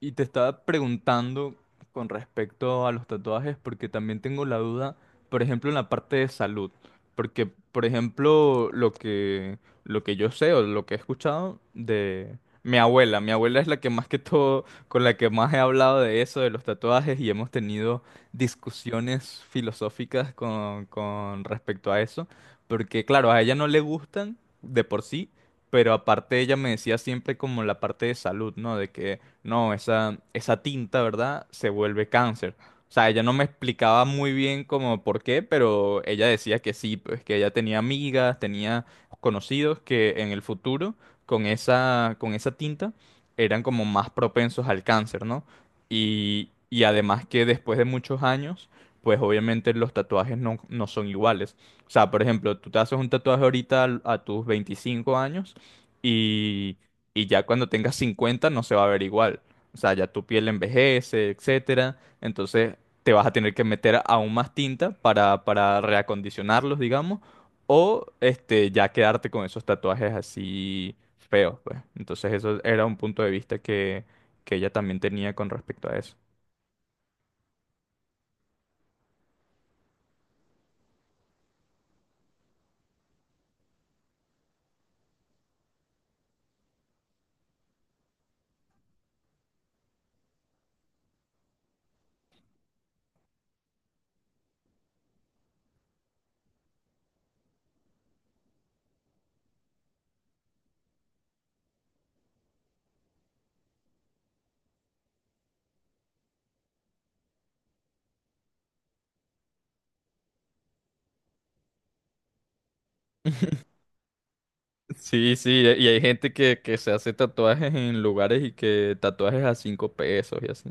Y te estaba preguntando con respecto a los tatuajes, porque también tengo la duda, por ejemplo, en la parte de salud. Porque, por ejemplo, lo que yo sé o lo que he escuchado de mi abuela. Mi abuela es la que más que todo, con la que más he hablado de eso, de los tatuajes, y hemos tenido discusiones filosóficas con respecto a eso. Porque, claro, a ella no le gustan de por sí, pero aparte ella me decía siempre como la parte de salud, ¿no? De que no, esa tinta, ¿verdad? Se vuelve cáncer. O sea, ella no me explicaba muy bien como por qué, pero ella decía que sí, pues que ella tenía amigas, tenía conocidos que en el futuro con esa tinta eran como más propensos al cáncer, ¿no? Y además que después de muchos años, pues obviamente los tatuajes no son iguales. O sea, por ejemplo, tú te haces un tatuaje ahorita a tus 25 años y ya cuando tengas 50 no se va a ver igual. O sea, ya tu piel envejece, etcétera. Entonces te vas a tener que meter aún más tinta para reacondicionarlos, digamos, o ya quedarte con esos tatuajes así feos, pues. Entonces eso era un punto de vista que ella también tenía con respecto a eso. Sí, sí, y hay gente que se hace tatuajes en lugares y que tatuajes a 5 pesos y así.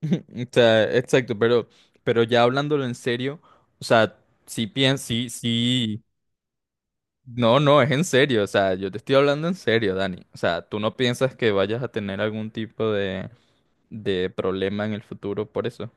O sea, exacto, pero ya hablándolo en serio, o sea, sí piensas, sí, sí, no, no, es en serio. O sea, yo te estoy hablando en serio, Dani. O sea, tú no piensas que vayas a tener algún tipo de problema en el futuro por eso.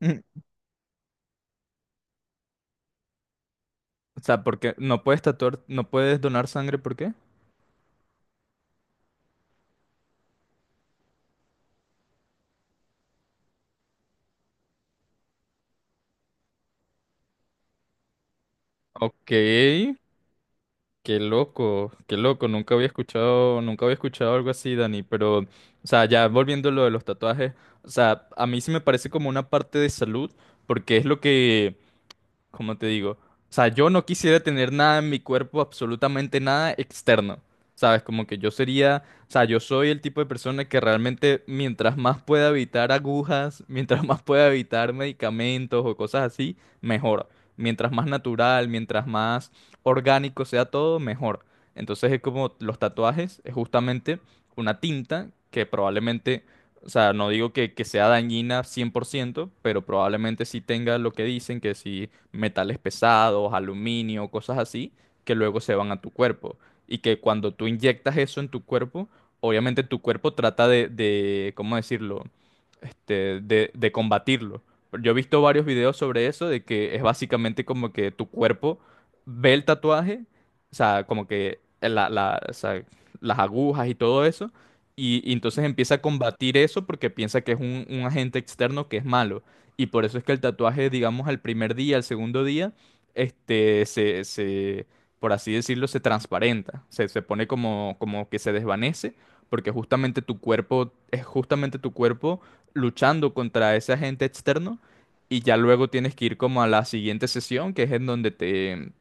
O sea, porque no puedes tatuar, no puedes donar sangre, ¿por qué? Ok. Qué loco, nunca había escuchado, nunca había escuchado algo así, Dani, pero, o sea, ya volviendo a lo de los tatuajes, o sea, a mí sí me parece como una parte de salud, porque es lo que, como te digo, o sea, yo no quisiera tener nada en mi cuerpo, absolutamente nada externo, ¿sabes? Como que yo sería, o sea, yo soy el tipo de persona que realmente mientras más pueda evitar agujas, mientras más pueda evitar medicamentos o cosas así, mejor. Mientras más natural, mientras más orgánico sea todo, mejor. Entonces es como los tatuajes, es justamente una tinta que probablemente... O sea, no digo que sea dañina 100 por ciento, pero probablemente sí tenga lo que dicen, que sí metales pesados, aluminio, cosas así, que luego se van a tu cuerpo. Y que cuando tú inyectas eso en tu cuerpo, obviamente tu cuerpo trata de ¿cómo decirlo? De combatirlo. Yo he visto varios videos sobre eso, de que es básicamente como que tu cuerpo ve el tatuaje, o sea, como que o sea, las agujas y todo eso, y entonces empieza a combatir eso porque piensa que es un agente externo que es malo. Y por eso es que el tatuaje, digamos, al primer día, al segundo día, se, por así decirlo, se transparenta. Se pone como, como que se desvanece, porque justamente tu cuerpo, es justamente tu cuerpo luchando contra ese agente externo. Y ya luego tienes que ir como a la siguiente sesión, que es en donde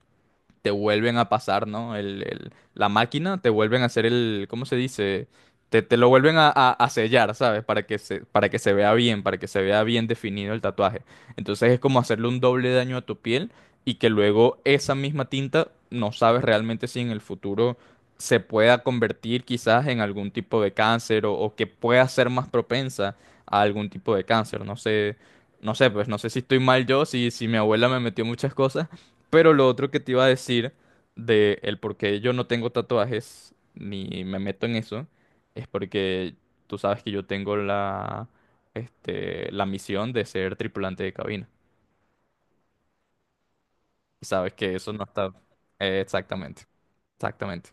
te vuelven a pasar, ¿no? La máquina, te vuelven a hacer el, ¿cómo se dice? Te lo vuelven a, a sellar, ¿sabes? Para que se vea bien, para que se vea bien definido el tatuaje. Entonces es como hacerle un doble daño a tu piel y que luego esa misma tinta, no sabes realmente si en el futuro se pueda convertir quizás en algún tipo de cáncer o que pueda ser más propensa a algún tipo de cáncer. No sé, no sé, pues no sé si estoy mal yo, si mi abuela me metió muchas cosas, pero lo otro que te iba a decir de el por qué yo no tengo tatuajes ni me meto en eso es porque tú sabes que yo tengo la misión de ser tripulante de cabina. Y sabes que eso no está... exactamente, exactamente.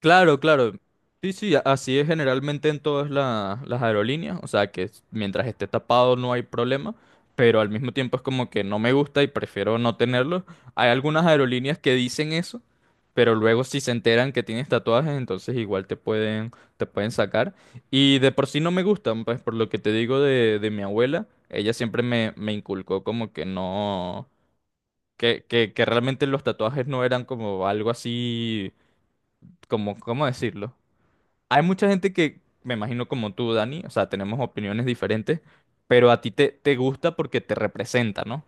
Claro, claro. Sí, sí, así es generalmente en todas las aerolíneas. O sea, que mientras esté tapado no hay problema, pero al mismo tiempo es como que no me gusta y prefiero no tenerlo. Hay algunas aerolíneas que dicen eso, pero luego si se enteran que tienes tatuajes, entonces igual te pueden sacar. Y de por sí no me gustan, pues por lo que te digo de mi abuela. Ella siempre me inculcó como que no, que realmente los tatuajes no eran como algo así, como, ¿cómo decirlo? Hay mucha gente que, me imagino como tú, Dani, o sea, tenemos opiniones diferentes, pero a ti te gusta porque te representa, ¿no?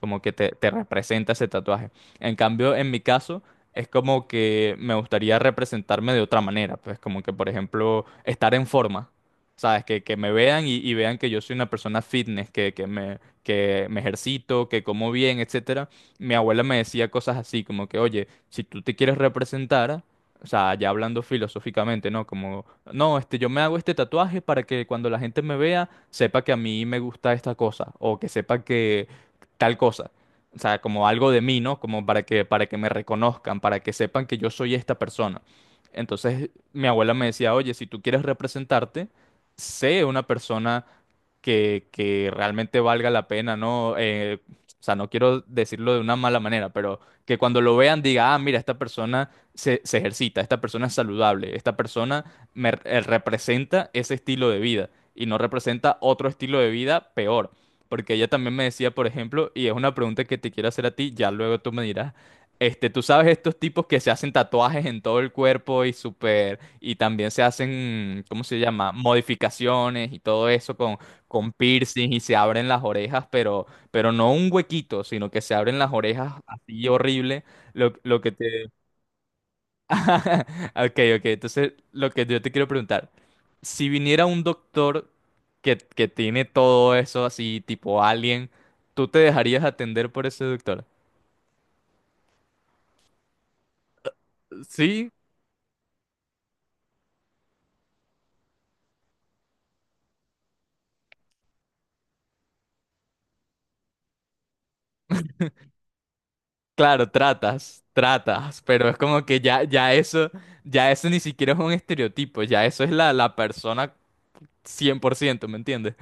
Como que te representa ese tatuaje. En cambio, en mi caso, es como que me gustaría representarme de otra manera, pues como que, por ejemplo, estar en forma, ¿sabes? Que me vean y vean que yo soy una persona fitness, que me ejercito, que como bien, etcétera. Mi abuela me decía cosas así, como que, oye, si tú te quieres representar... O sea, ya hablando filosóficamente, ¿no? Como, no, este, yo me hago este tatuaje para que cuando la gente me vea, sepa que a mí me gusta esta cosa, o que sepa que, tal cosa. O sea, como algo de mí, ¿no? Como para que me reconozcan, para que sepan que yo soy esta persona. Entonces, mi abuela me decía, oye, si tú quieres representarte, sé una persona que realmente valga la pena, ¿no? O sea, no quiero decirlo de una mala manera, pero que cuando lo vean diga, ah, mira, esta persona se ejercita, esta persona es saludable, esta persona representa ese estilo de vida y no representa otro estilo de vida peor. Porque ella también me decía, por ejemplo, y es una pregunta que te quiero hacer a ti, ya luego tú me dirás, este, tú sabes estos tipos que se hacen tatuajes en todo el cuerpo y súper, y también se hacen, ¿cómo se llama? Modificaciones y todo eso con piercing y se abren las orejas, pero no un huequito, sino que se abren las orejas así horrible. Lo que te... Ok, ok, entonces lo que yo te quiero preguntar, si viniera un doctor que tiene todo eso así, tipo alien, ¿tú te dejarías atender por ese doctor? Sí, claro, tratas, tratas, pero es como que ya, ya eso ni siquiera es un estereotipo, ya eso es la persona 100 por ciento, ¿me entiendes?